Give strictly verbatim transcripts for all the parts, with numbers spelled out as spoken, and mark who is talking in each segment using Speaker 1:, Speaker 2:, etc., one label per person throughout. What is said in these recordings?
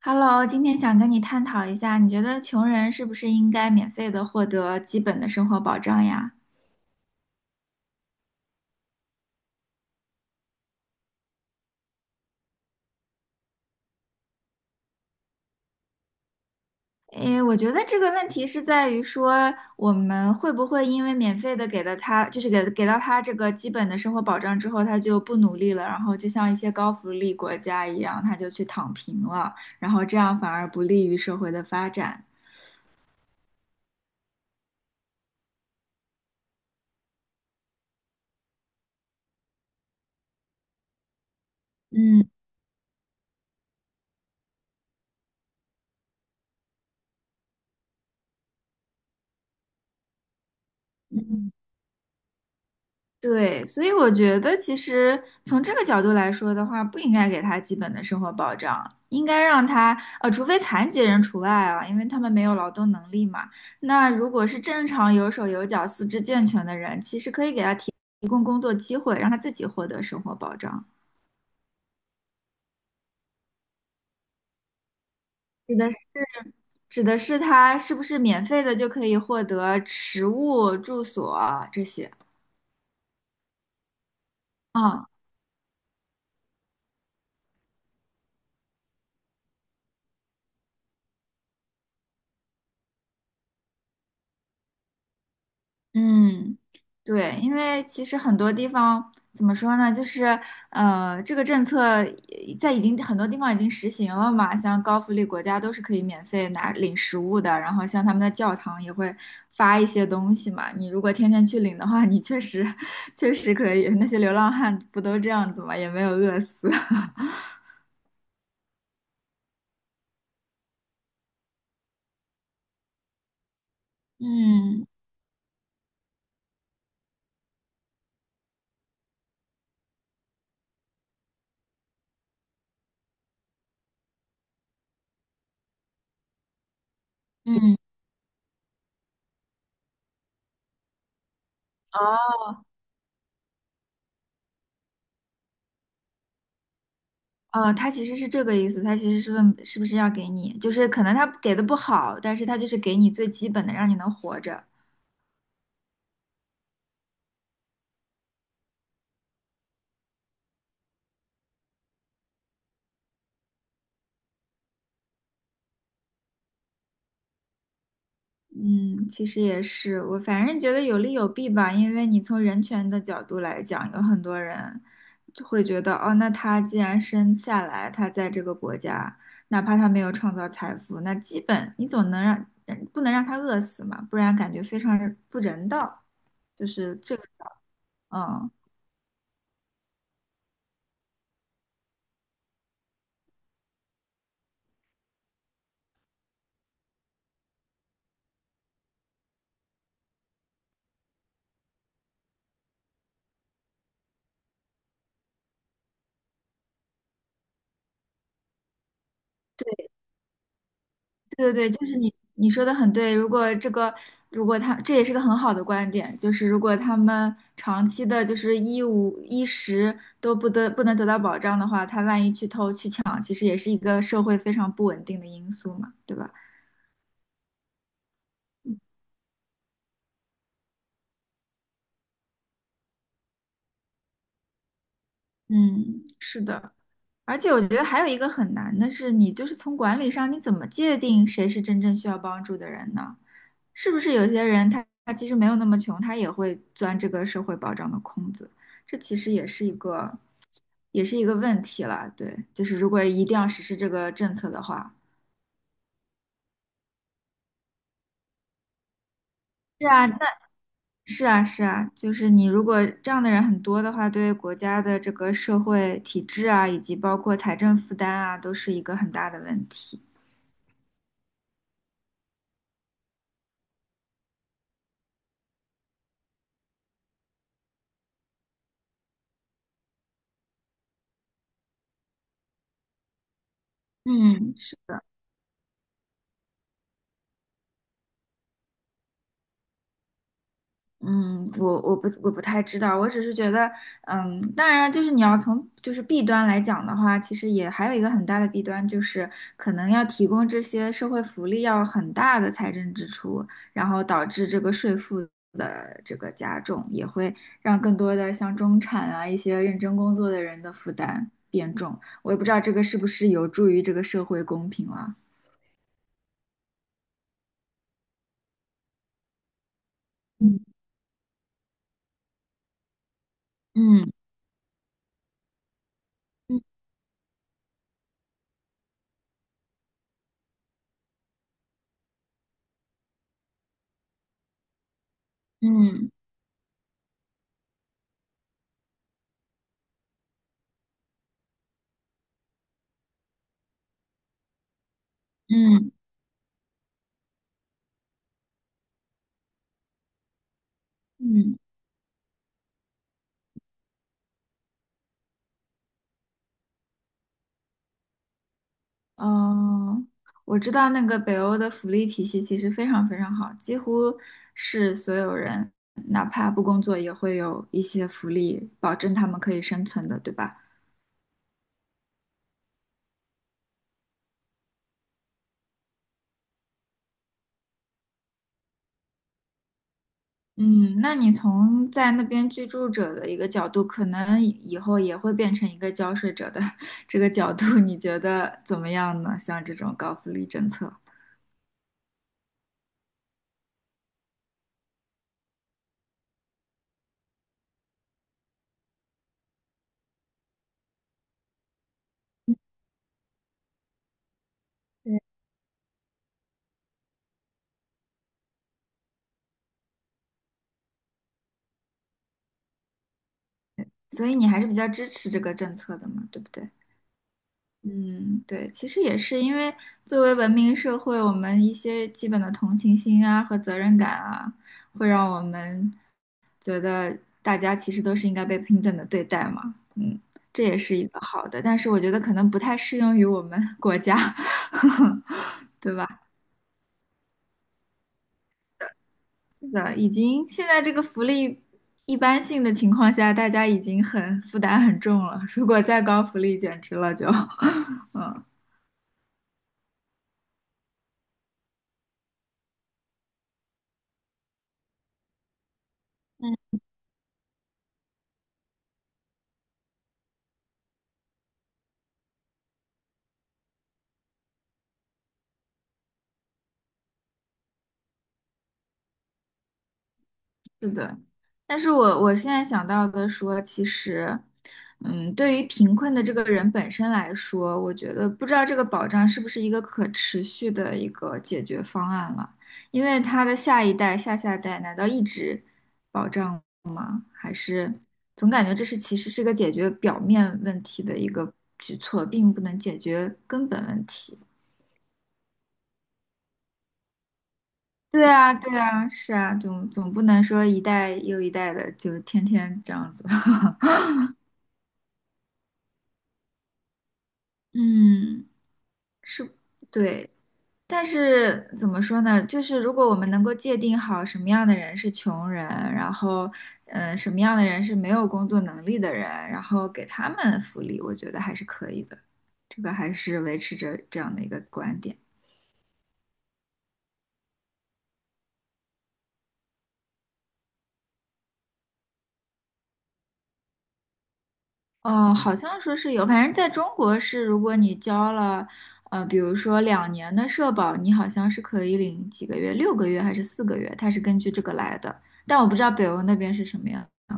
Speaker 1: Hello，今天想跟你探讨一下，你觉得穷人是不是应该免费的获得基本的生活保障呀？诶，我觉得这个问题是在于说，我们会不会因为免费的给了他，就是给给到他这个基本的生活保障之后，他就不努力了，然后就像一些高福利国家一样，他就去躺平了，然后这样反而不利于社会的发展。嗯嗯。对，所以我觉得其实从这个角度来说的话，不应该给他基本的生活保障，应该让他呃，除非残疾人除外啊，因为他们没有劳动能力嘛。那如果是正常有手有脚、四肢健全的人，其实可以给他提提供工作机会，让他自己获得生活保障。指的是指的是他是不是免费的就可以获得食物、住所这些？啊？嗯，对，因为其实很多地方怎么说呢，就是呃，这个政策已在已经很多地方已经实行了嘛，像高福利国家都是可以免费拿领食物的，然后像他们的教堂也会发一些东西嘛，你如果天天去领的话，你确实 确实可以，那些流浪汉不都这样子嘛，也没有饿死。嗯嗯，哦。哦，他其实是这个意思，他其实是问是不是要给你，就是可能他给的不好，但是他就是给你最基本的，让你能活着。嗯，其实也是，我反正觉得有利有弊吧，因为你从人权的角度来讲，有很多人就会觉得，哦，那他既然生下来，他在这个国家，哪怕他没有创造财富，那基本你总能让，嗯不能让他饿死嘛，不然感觉非常不人道，就是这个角，嗯。对对对，就是你你说的很对。如果这个，如果他这也是个很好的观点，就是如果他们长期的，就是衣物衣食都不得不能得到保障的话，他万一去偷去抢，其实也是一个社会非常不稳定的因素嘛，对吧？嗯，是的。而且我觉得还有一个很难的是，你就是从管理上，你怎么界定谁是真正需要帮助的人呢？是不是有些人他他其实没有那么穷，他也会钻这个社会保障的空子？这其实也是一个，也是一个问题了。对，就是如果一定要实施这个政策的话，是啊，那是啊，是啊，就是你如果这样的人很多的话，对国家的这个社会体制啊，以及包括财政负担啊，都是一个很大的问题。嗯，是。嗯，我我不我不太知道，我只是觉得，嗯，当然就是你要从就是弊端来讲的话，其实也还有一个很大的弊端，就是可能要提供这些社会福利要很大的财政支出，然后导致这个税负的这个加重，也会让更多的像中产啊一些认真工作的人的负担变重。我也不知道这个是不是有助于这个社会公平了。嗯嗯嗯嗯嗯。嗯哦，我知道那个北欧的福利体系其实非常非常好，几乎是所有人哪怕不工作也会有一些福利，保证他们可以生存的，对吧？嗯，那你从在那边居住者的一个角度，可能以以后也会变成一个交税者的 这个角度，你觉得怎么样呢？像这种高福利政策，对。所以你还是比较支持这个政策的嘛，对不对？嗯，对，其实也是因为作为文明社会，我们一些基本的同情心啊和责任感啊，会让我们觉得大家其实都是应该被平等的对待嘛。嗯，这也是一个好的，但是我觉得可能不太适用于我们 国家，对吧？是的，已经现在这个福利一般性的情况下，大家已经很负担很重了，如果再高福利，简直了就，嗯。是的，但是我我现在想到的说，其实，嗯，对于贫困的这个人本身来说，我觉得不知道这个保障是不是一个可持续的一个解决方案了，因为他的下一代、下下代难道一直保障，还是总感觉这是其实是个解决表面问题的一个举措，并不能解决根本问题。对啊，对啊，是啊，总总不能说一代又一代的就天天这样子吧 嗯。是，对，但是怎么说呢？就是如果我们能够界定好什么样的人是穷人，然后，嗯、什么样的人是没有工作能力的人，然后给他们福利，我觉得还是可以的。这个还是维持着这样的一个观点。哦，好像说是有，反正在中国是，如果你交了，呃，比如说两年的社保，你好像是可以领几个月，六个月还是四个月，它是根据这个来的。但我不知道北欧那边是什么样的。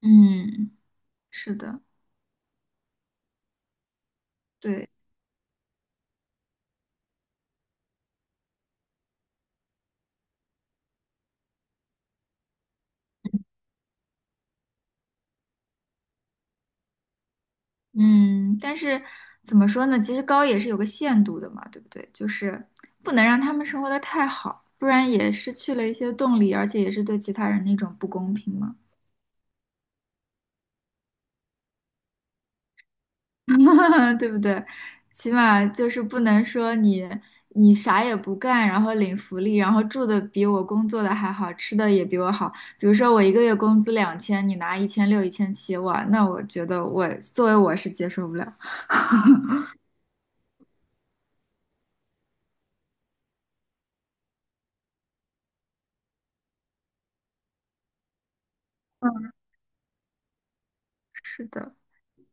Speaker 1: 嗯，是的，对，嗯，但是怎么说呢？其实高也是有个限度的嘛，对不对？就是不能让他们生活的太好，不然也失去了一些动力，而且也是对其他人的一种不公平嘛，对不对？起码就是不能说你你啥也不干，然后领福利，然后住的比我工作的还好，吃的也比我好。比如说我一个月工资两千，你拿一千六、一千七，哇，那我觉得我作为我是接受不了。嗯，是的。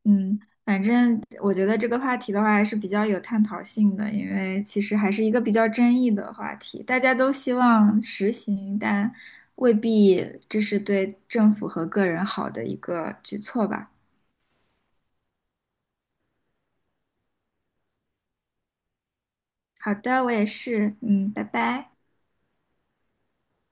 Speaker 1: 嗯，反正我觉得这个话题的话还是比较有探讨性的，因为其实还是一个比较争议的话题，大家都希望实行，但未必这是对政府和个人好的一个举措吧。好的，我也是，嗯，拜拜。